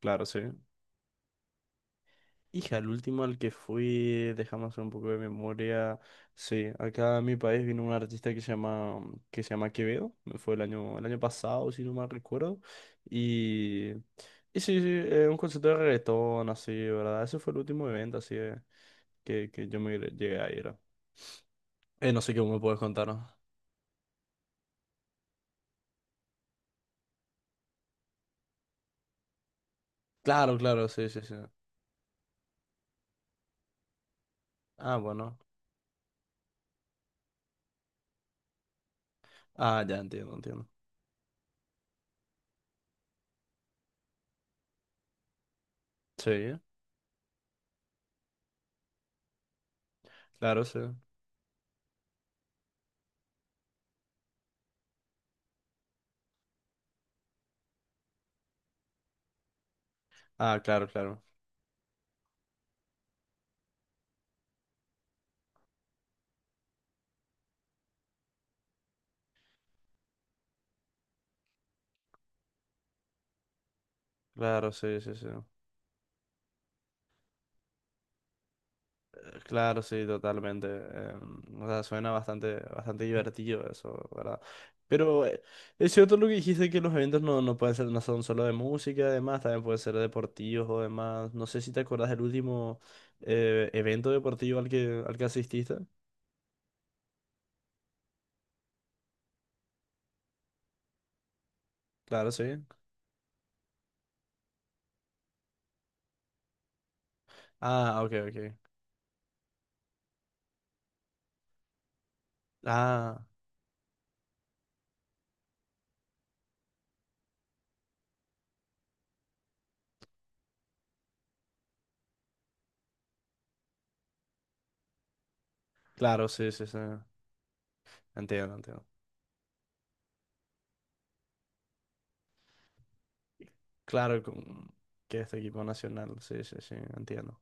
Claro, sí. Hija, el último al que fui, déjame hacer un poco de memoria. Sí, acá a mi país vino un artista que se llama Quevedo. Fue el año pasado, si no mal recuerdo. Y, y sí, sí, un concierto de reggaetón, así, ¿verdad? Ese fue el último evento, así, que yo me llegué a ir. No sé qué me puedes contar, ¿no? Claro, claro, sí, sí, sí. Ah, bueno. Ah, ya entiendo, entiendo. Sí, claro, sí. Ah, claro, claro. Claro, sí, sí, sí. Claro, sí, totalmente. O sea, suena bastante, bastante divertido eso, ¿verdad? Pero es cierto lo que dijiste que los eventos no pueden ser, no son solo de música, además, también pueden ser deportivos o demás. No sé si te acordás del último evento deportivo al que asististe. Claro, sí. Ah, ok, ok. Ah, claro, sí, sí, sí. Entiendo, entiendo. Claro, con- que este equipo nacional, sí, sí, sí, entiendo.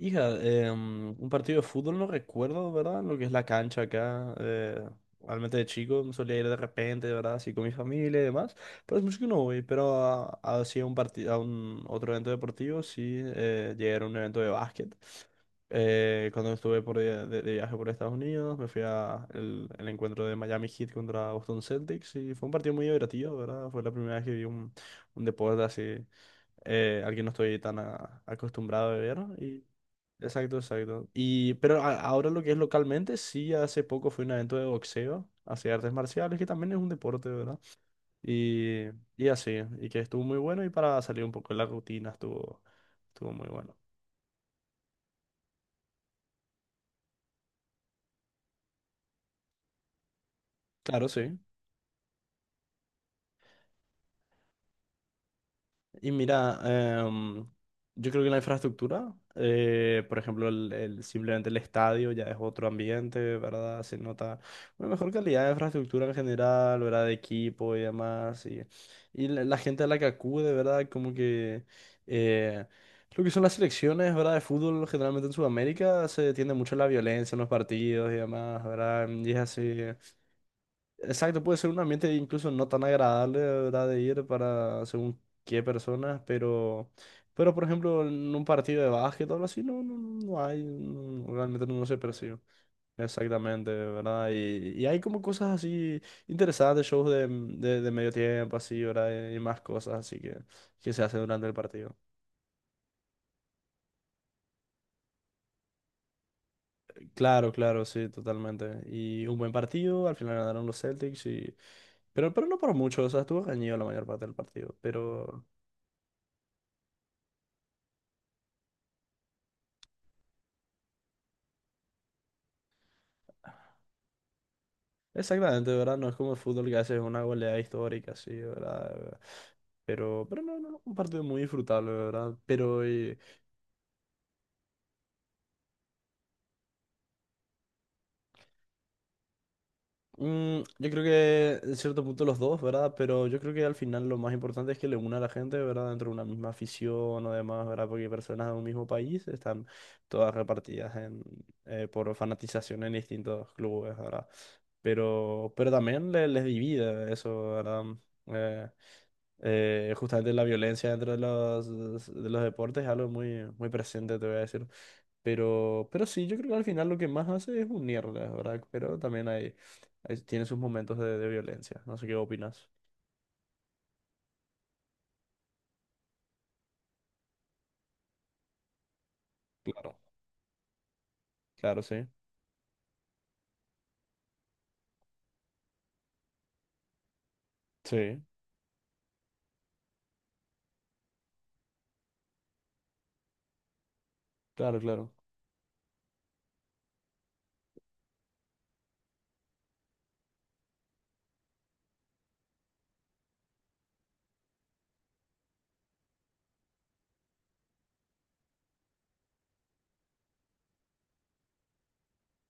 Hija, un partido de fútbol no recuerdo, ¿verdad? Lo que es la cancha acá. Realmente de chico solía ir de repente, ¿verdad? Así con mi familia y demás. Pero es mucho que no voy. Pero sí a un partido, a un otro evento deportivo, sí llegué a ir a un evento de básquet. Cuando estuve de viaje por Estados Unidos, me fui a el encuentro de Miami Heat contra Boston Celtics y fue un partido muy divertido, ¿verdad? Fue la primera vez que vi un deporte así al que no estoy tan acostumbrado a beber. Y, exacto, exacto. Y, pero ahora lo que es localmente, sí, hace poco fue un evento de boxeo hacia artes marciales, que también es un deporte, ¿verdad? Y, y así, y que estuvo muy bueno y para salir un poco de la rutina estuvo muy bueno. Claro, sí. Y mira, em, yo creo que la infraestructura, por ejemplo, simplemente el estadio ya es otro ambiente, ¿verdad? Se nota una mejor calidad de infraestructura en general, ¿verdad? De equipo y demás. Y la gente a la que acude, ¿verdad? Como que eh, lo que son las selecciones, ¿verdad? De fútbol, generalmente en Sudamérica se tiende mucho a la violencia en los partidos y demás, ¿verdad? Y es así. Exacto, puede ser un ambiente incluso no tan agradable, ¿verdad? De ir para según qué personas, pero por ejemplo, en un partido de básquet o algo así, no, no, no hay, realmente no, no se percibe. Exactamente, ¿verdad? Y hay como cosas así interesantes, shows de medio tiempo, así, ¿verdad? Y más cosas así que se hacen durante el partido. Claro, claro, sí, totalmente. Y un buen partido, al final ganaron los Celtics y... pero no por mucho, o sea, estuvo reñido la mayor parte del partido, pero... Exactamente, ¿verdad? No es como el fútbol que hace una goleada histórica, sí, ¿verdad? Pero no, no, no, un partido muy disfrutable, ¿verdad? Pero yo creo que en cierto punto los dos, ¿verdad? Pero yo creo que al final lo más importante es que le una a la gente, ¿verdad? Dentro de una misma afición o demás, ¿verdad? Porque personas de un mismo país están todas repartidas en, por fanatización en distintos clubes, ¿verdad? Pero también les divide eso, ¿verdad? Eh, justamente la violencia dentro de los deportes es algo muy, muy presente, te voy a decir. Pero sí, yo creo que al final lo que más hace es unirlas, ¿verdad? Pero también hay, tiene sus momentos de violencia. No sé qué opinas. Claro. Claro, sí. Sí, claro, claro.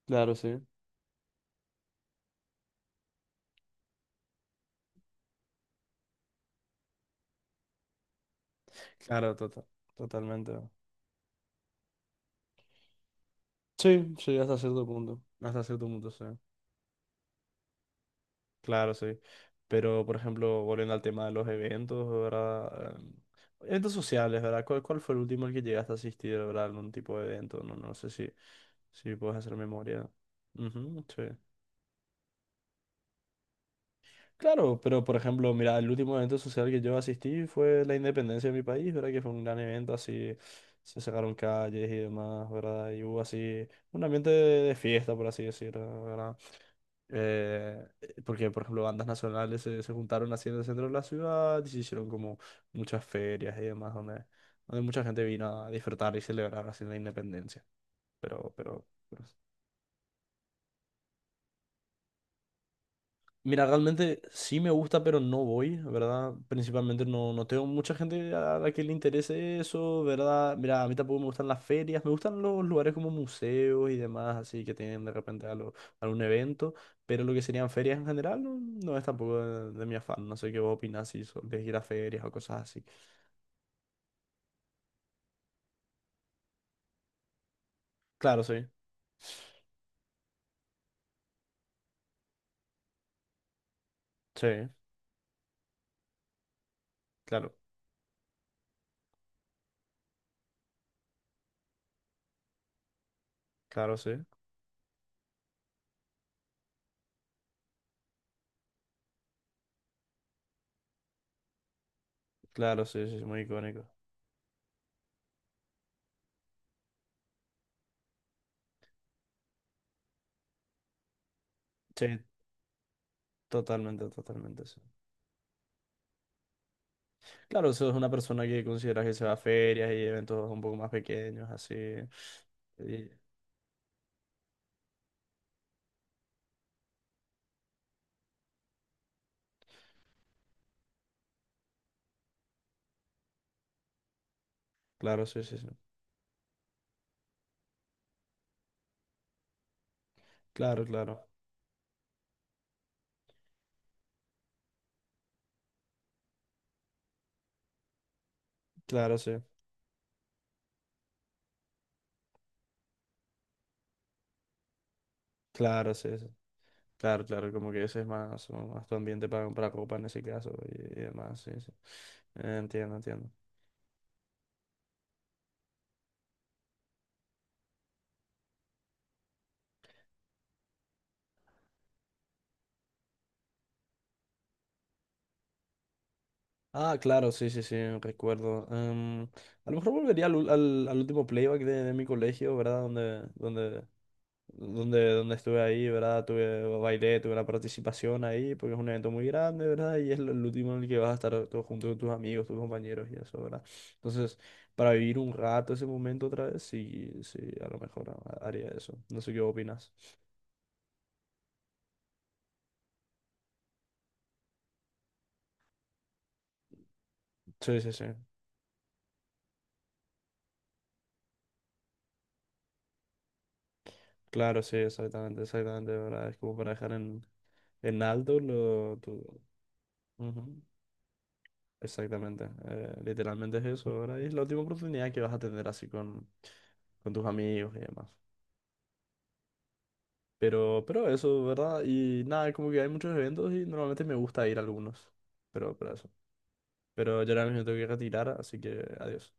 Claro, sí. Claro, total, totalmente. Sí, sí, hasta cierto punto. Hasta cierto punto, sí. Claro, sí. Pero, por ejemplo, volviendo al tema de los eventos, ¿verdad? Eventos sociales, ¿verdad? ¿Cuál fue el último al que llegaste a asistir, ¿verdad? Algún tipo de evento, no, no sé si, si puedes hacer memoria. Ujú, sí. Claro, pero por ejemplo, mira, el último evento social que yo asistí fue la independencia de mi país, ¿verdad? Que fue un gran evento, así se sacaron calles y demás, ¿verdad? Y hubo así un ambiente de fiesta, por así decirlo. Eh, Porque, por ejemplo, bandas nacionales se juntaron así en el centro de la ciudad y se hicieron como muchas ferias y demás, donde, donde mucha gente vino a disfrutar y celebrar así la independencia. Pero, mira, realmente sí me gusta, pero no voy, ¿verdad? Principalmente no, no tengo mucha gente a la que le interese eso, ¿verdad? Mira, a mí tampoco me gustan las ferias, me gustan los lugares como museos y demás, así que tienen de repente algo, algún evento, pero lo que serían ferias en general no, no es tampoco de, de mi afán, no sé qué vos opinás si sos de ir a ferias o cosas así. Claro, sí, sí, claro, claro, sí, claro, sí, sí, es muy icónico. Sí, totalmente, totalmente, sí. Claro, eso es una persona que consideras que se va a ferias y eventos un poco más pequeños, así. Y- claro, sí, sí, sí. Claro, claro. Claro, sí. Claro, sí, sí. Claro, claro, como que ese es más, o más tu ambiente para copa en ese caso y demás, sí, sí. Entiendo, entiendo. Ah, claro, sí, sí, sí, recuerdo. A lo mejor volvería al último playback de mi colegio, ¿verdad? Donde estuve ahí, ¿verdad? Tuve, bailé, tuve una participación ahí, porque es un evento muy grande, ¿verdad? Y es el último en el que vas a estar todo junto con tus amigos, tus compañeros y eso, ¿verdad? Entonces, para vivir un rato ese momento otra vez, sí, sí, a lo mejor haría eso. No sé qué opinas. Sí, sí, sí. Claro, sí, exactamente, exactamente, ¿verdad? Es como para dejar en alto lo, tu- Ujú, exactamente. Literalmente es eso, ¿verdad? Y es la última oportunidad que vas a tener así con tus amigos y demás. Pero eso, ¿verdad? Y nada, como que hay muchos eventos y normalmente me gusta ir a algunos. Pero eso. Pero yo ahora mismo tengo que retirar, así que adiós.